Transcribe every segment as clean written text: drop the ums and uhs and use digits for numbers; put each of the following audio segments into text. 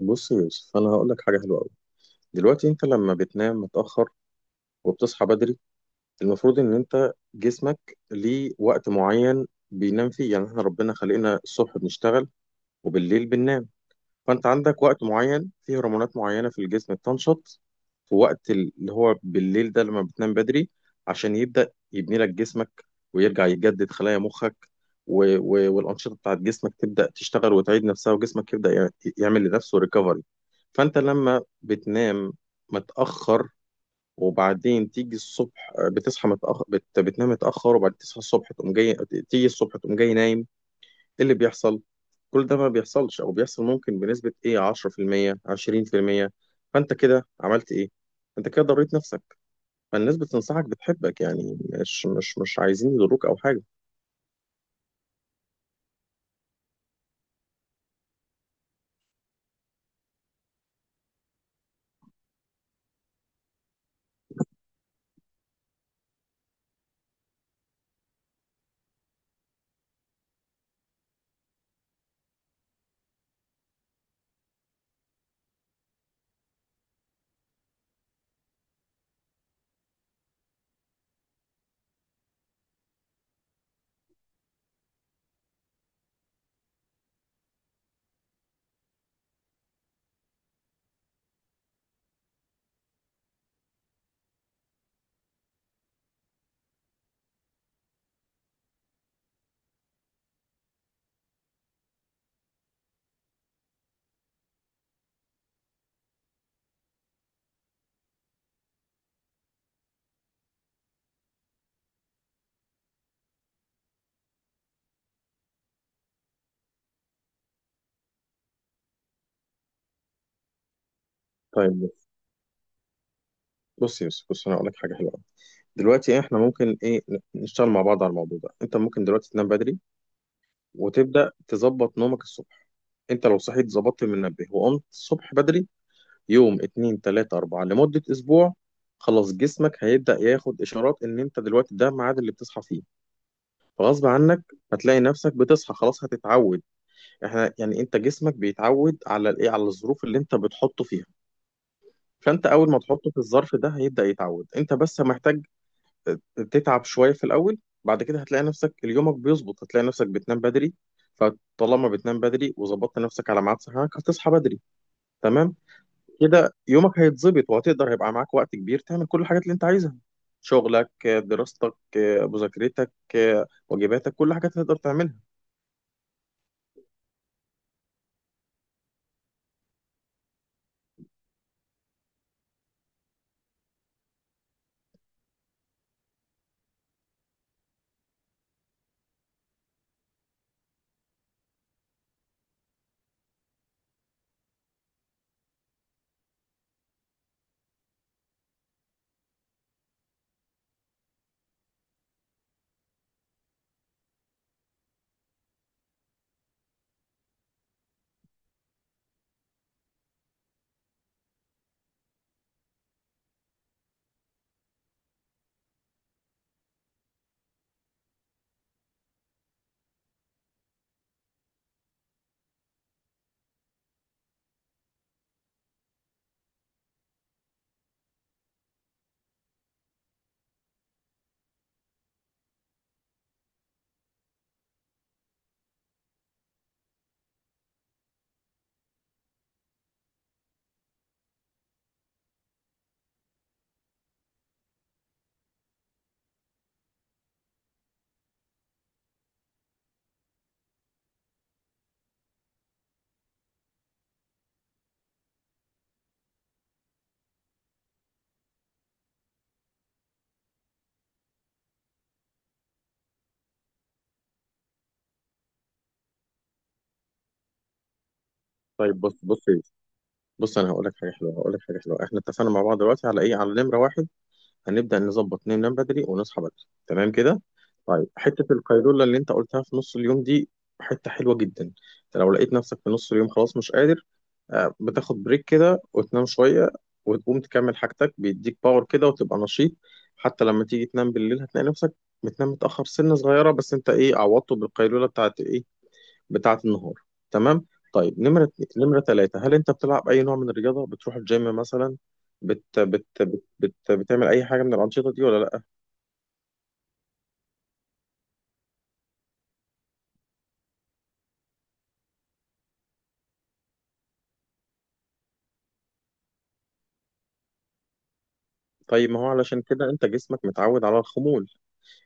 بص يا يوسف، انا هقول لك حاجه حلوه قوي. دلوقتي انت لما بتنام متاخر وبتصحى بدري، المفروض ان انت جسمك ليه وقت معين بينام فيه. يعني احنا ربنا خلقنا الصبح بنشتغل وبالليل بننام. فانت عندك وقت معين فيه هرمونات معينه في الجسم بتنشط في وقت اللي هو بالليل ده، لما بتنام بدري عشان يبدا يبني لك جسمك ويرجع يجدد خلايا مخك، والانشطه بتاعت جسمك تبدا تشتغل وتعيد نفسها وجسمك يبدا يعمل لنفسه ريكفري. فانت لما بتنام متاخر وبعدين تيجي الصبح، بتصحى متاخر، بتنام متاخر وبعدين تصحى الصبح تقوم جاي، تيجي الصبح تقوم جاي نايم، ايه اللي بيحصل؟ كل ده ما بيحصلش، او بيحصل ممكن بنسبه ايه، 10% 20%. فانت كده عملت ايه؟ انت كده ضريت نفسك. فالناس بتنصحك بتحبك، يعني مش عايزين يضروك او حاجه. طيب، بص يا يوسف، بص، انا هقول لك حاجه حلوه أوي. دلوقتي احنا ممكن ايه، نشتغل مع بعض على الموضوع ده. انت ممكن دلوقتي تنام بدري، وتبدأ تظبط نومك الصبح. انت لو صحيت ظبطت من المنبه وقمت الصبح بدري يوم اتنين تلاتة اربعة لمدة اسبوع، خلاص جسمك هيبدأ ياخد اشارات ان انت دلوقتي ده الميعاد اللي بتصحى فيه. فغصب عنك هتلاقي نفسك بتصحى، خلاص هتتعود. احنا يعني انت جسمك بيتعود على الايه، على الظروف اللي انت بتحطه فيها. فانت اول ما تحطه في الظرف ده هيبدأ يتعود، انت بس محتاج تتعب شوية في الأول. بعد كده هتلاقي نفسك يومك بيظبط، هتلاقي نفسك بتنام بدري. فطالما بتنام بدري وظبطت نفسك على ميعاد صحيانك، هتصحى بدري، تمام كده. يومك هيتظبط وهتقدر، هيبقى معاك وقت كبير تعمل كل الحاجات اللي انت عايزها، شغلك، دراستك، مذاكرتك، واجباتك، كل حاجة هتقدر تعملها. طيب، بص بص، انا هقول لك حاجة حلوة، هقول لك حاجة حلوة. احنا اتفقنا مع بعض دلوقتي على ايه، على نمرة واحد، هنبدأ نظبط ننام بدري ونصحى بدري، تمام كده. طيب، حتة القيلولة اللي انت قلتها في نص اليوم دي حتة حلوة جدا. انت لو لقيت نفسك في نص اليوم خلاص مش قادر، بتاخد بريك كده وتنام شوية، وتقوم تكمل حاجتك بيديك باور كده وتبقى نشيط. حتى لما تيجي تنام بالليل هتلاقي نفسك بتنام متأخر سنة صغيرة، بس انت ايه، عوضته بالقيلولة بتاعت ايه، بتاعة النهار، تمام. طيب، نمرة ثلاثة، هل أنت بتلعب أي نوع من الرياضة؟ بتروح الجيم مثلا؟ بت بت بت بت بتعمل أي حاجة من الأنشطة دي ولا لأ؟ طيب، ما هو علشان كده أنت جسمك متعود على الخمول.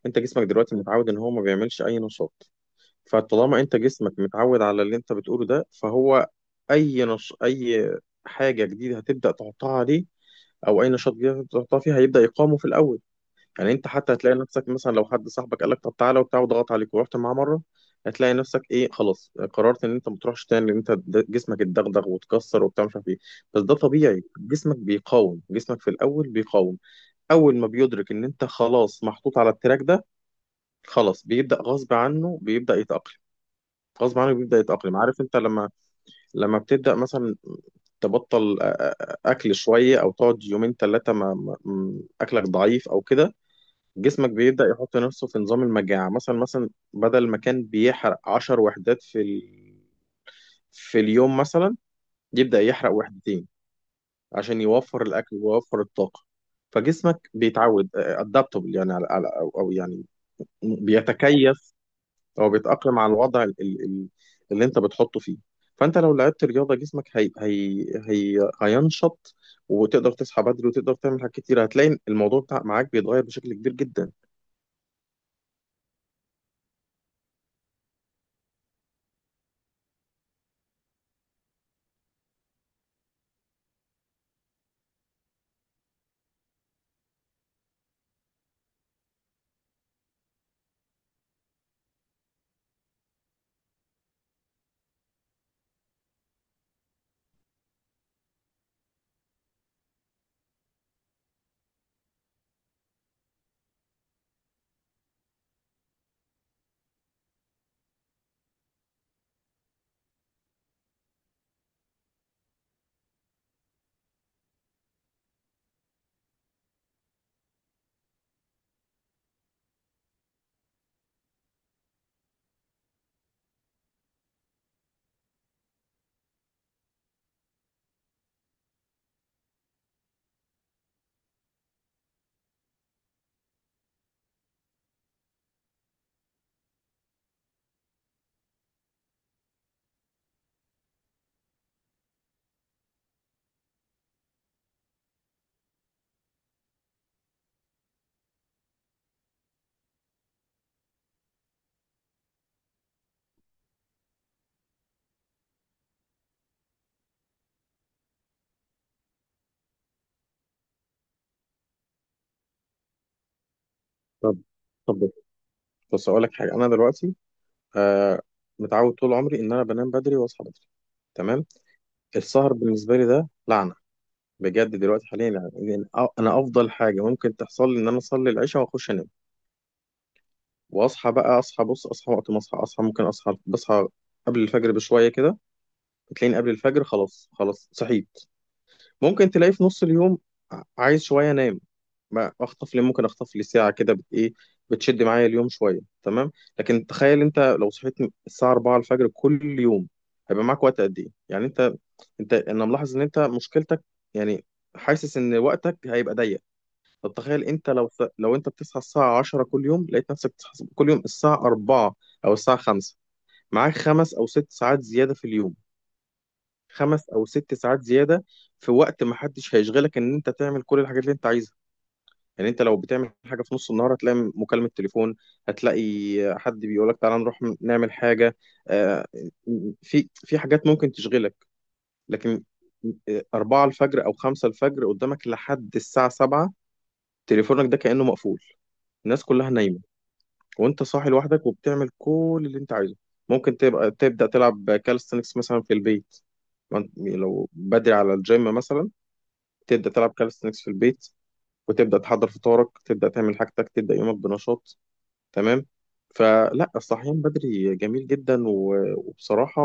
أنت جسمك دلوقتي متعود إن هو ما بيعملش أي نشاط. فطالما أنت جسمك متعود على اللي أنت بتقوله ده فهو، أي حاجة جديدة هتبدأ تحطها عليه، أو أي نشاط جديد هتبدأ تحطها فيه، هيبدأ يقاومه في الأول. يعني انت حتى هتلاقي نفسك مثلا لو حد صاحبك قال لك طب تعالى وبتاع وضغط عليك ورحت معاه مره، هتلاقي نفسك ايه، خلاص قررت ان انت ما تروحش تاني، لان انت جسمك اتدغدغ واتكسر وبتاع مش عارف ايه. بس ده طبيعي، جسمك بيقاوم، جسمك في الاول بيقاوم. اول ما بيدرك ان انت خلاص محطوط على التراك ده، خلاص بيبدا غصب عنه بيبدا يتاقلم. غصب عنه بيبدا يتاقلم. عارف انت لما بتبدا مثلا تبطل اكل شويه، او تقعد يومين ثلاثه اكلك ضعيف او كده، جسمك بيبدأ يحط نفسه في نظام المجاعة. مثلا مثلا، بدل ما كان بيحرق عشر وحدات في اليوم مثلا، يبدأ يحرق وحدتين عشان يوفر الأكل ويوفر الطاقة. فجسمك بيتعود ادابتبل، يعني على... على... أو... أو يعني بيتكيف، أو بيتأقلم على الوضع اللي أنت بتحطه فيه. فأنت لو لعبت رياضة، جسمك هينشط، وتقدر تصحى بدري وتقدر تعمل حاجات كتير. هتلاقي الموضوع بتاع معاك بيتغير بشكل كبير جدا. طب طب، بص اقول لك حاجه، انا دلوقتي آه متعود طول عمري ان انا بنام بدري واصحى بدري، تمام. السهر بالنسبه لي ده لعنه، بجد. دلوقتي حاليا، يعني انا افضل حاجه ممكن تحصل لي ان انا اصلي العشاء واخش انام، واصحى بقى. اصحى، بص، اصحى وقت ما اصحى، اصحى ممكن اصحى بصحى قبل الفجر بشويه كده. بتلاقيني قبل الفجر خلاص، خلاص صحيت. ممكن تلاقي في نص اليوم عايز شويه انام، ما اخطف لي، ممكن اخطف لي ساعه كده، بت ايه، بتشد معايا اليوم شويه، تمام. لكن تخيل انت لو صحيت الساعه 4 الفجر كل يوم، هيبقى معاك وقت قد ايه؟ يعني انت انا ملاحظ ان انت مشكلتك، يعني، حاسس ان وقتك هيبقى ضيق. طب تخيل انت لو انت بتصحى الساعه 10 كل يوم، لقيت نفسك بتصحى كل يوم الساعه 4 او الساعه 5، معاك خمس او ست ساعات زياده في اليوم. خمس او ست ساعات زياده في وقت ما حدش هيشغلك، ان انت تعمل كل الحاجات اللي انت عايزها. يعني انت لو بتعمل حاجه في نص النهار، هتلاقي مكالمه تليفون، هتلاقي حد بيقول لك تعالى نروح نعمل حاجه، آه، في حاجات ممكن تشغلك. لكن أربعة الفجر أو خمسة الفجر قدامك لحد الساعة سبعة، تليفونك ده كأنه مقفول. الناس كلها نايمة، وأنت صاحي لوحدك وبتعمل كل اللي أنت عايزه. ممكن تبقى تبدأ تلعب كالستنكس مثلا في البيت، ما أنت- لو بدري على الجيم مثلا، تبدأ تلعب كالستنكس في البيت، وتبدأ تحضر فطارك، تبدأ تعمل حاجتك، تبدأ يومك بنشاط، تمام. فلا، الصحيان بدري جميل جدا، وبصراحة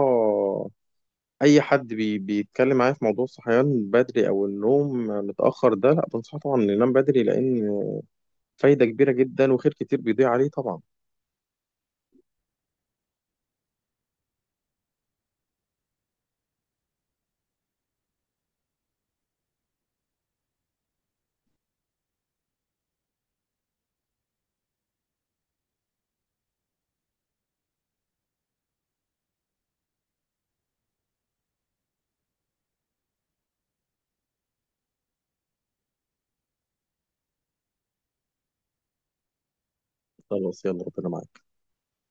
أي حد بيتكلم معايا في موضوع الصحيان بدري أو النوم متأخر ده، لا، بنصحه طبعا إنه ينام بدري، لأن فايدة كبيرة جدا وخير كتير بيضيع عليه طبعا. خلاص، يلا، ربنا معاك.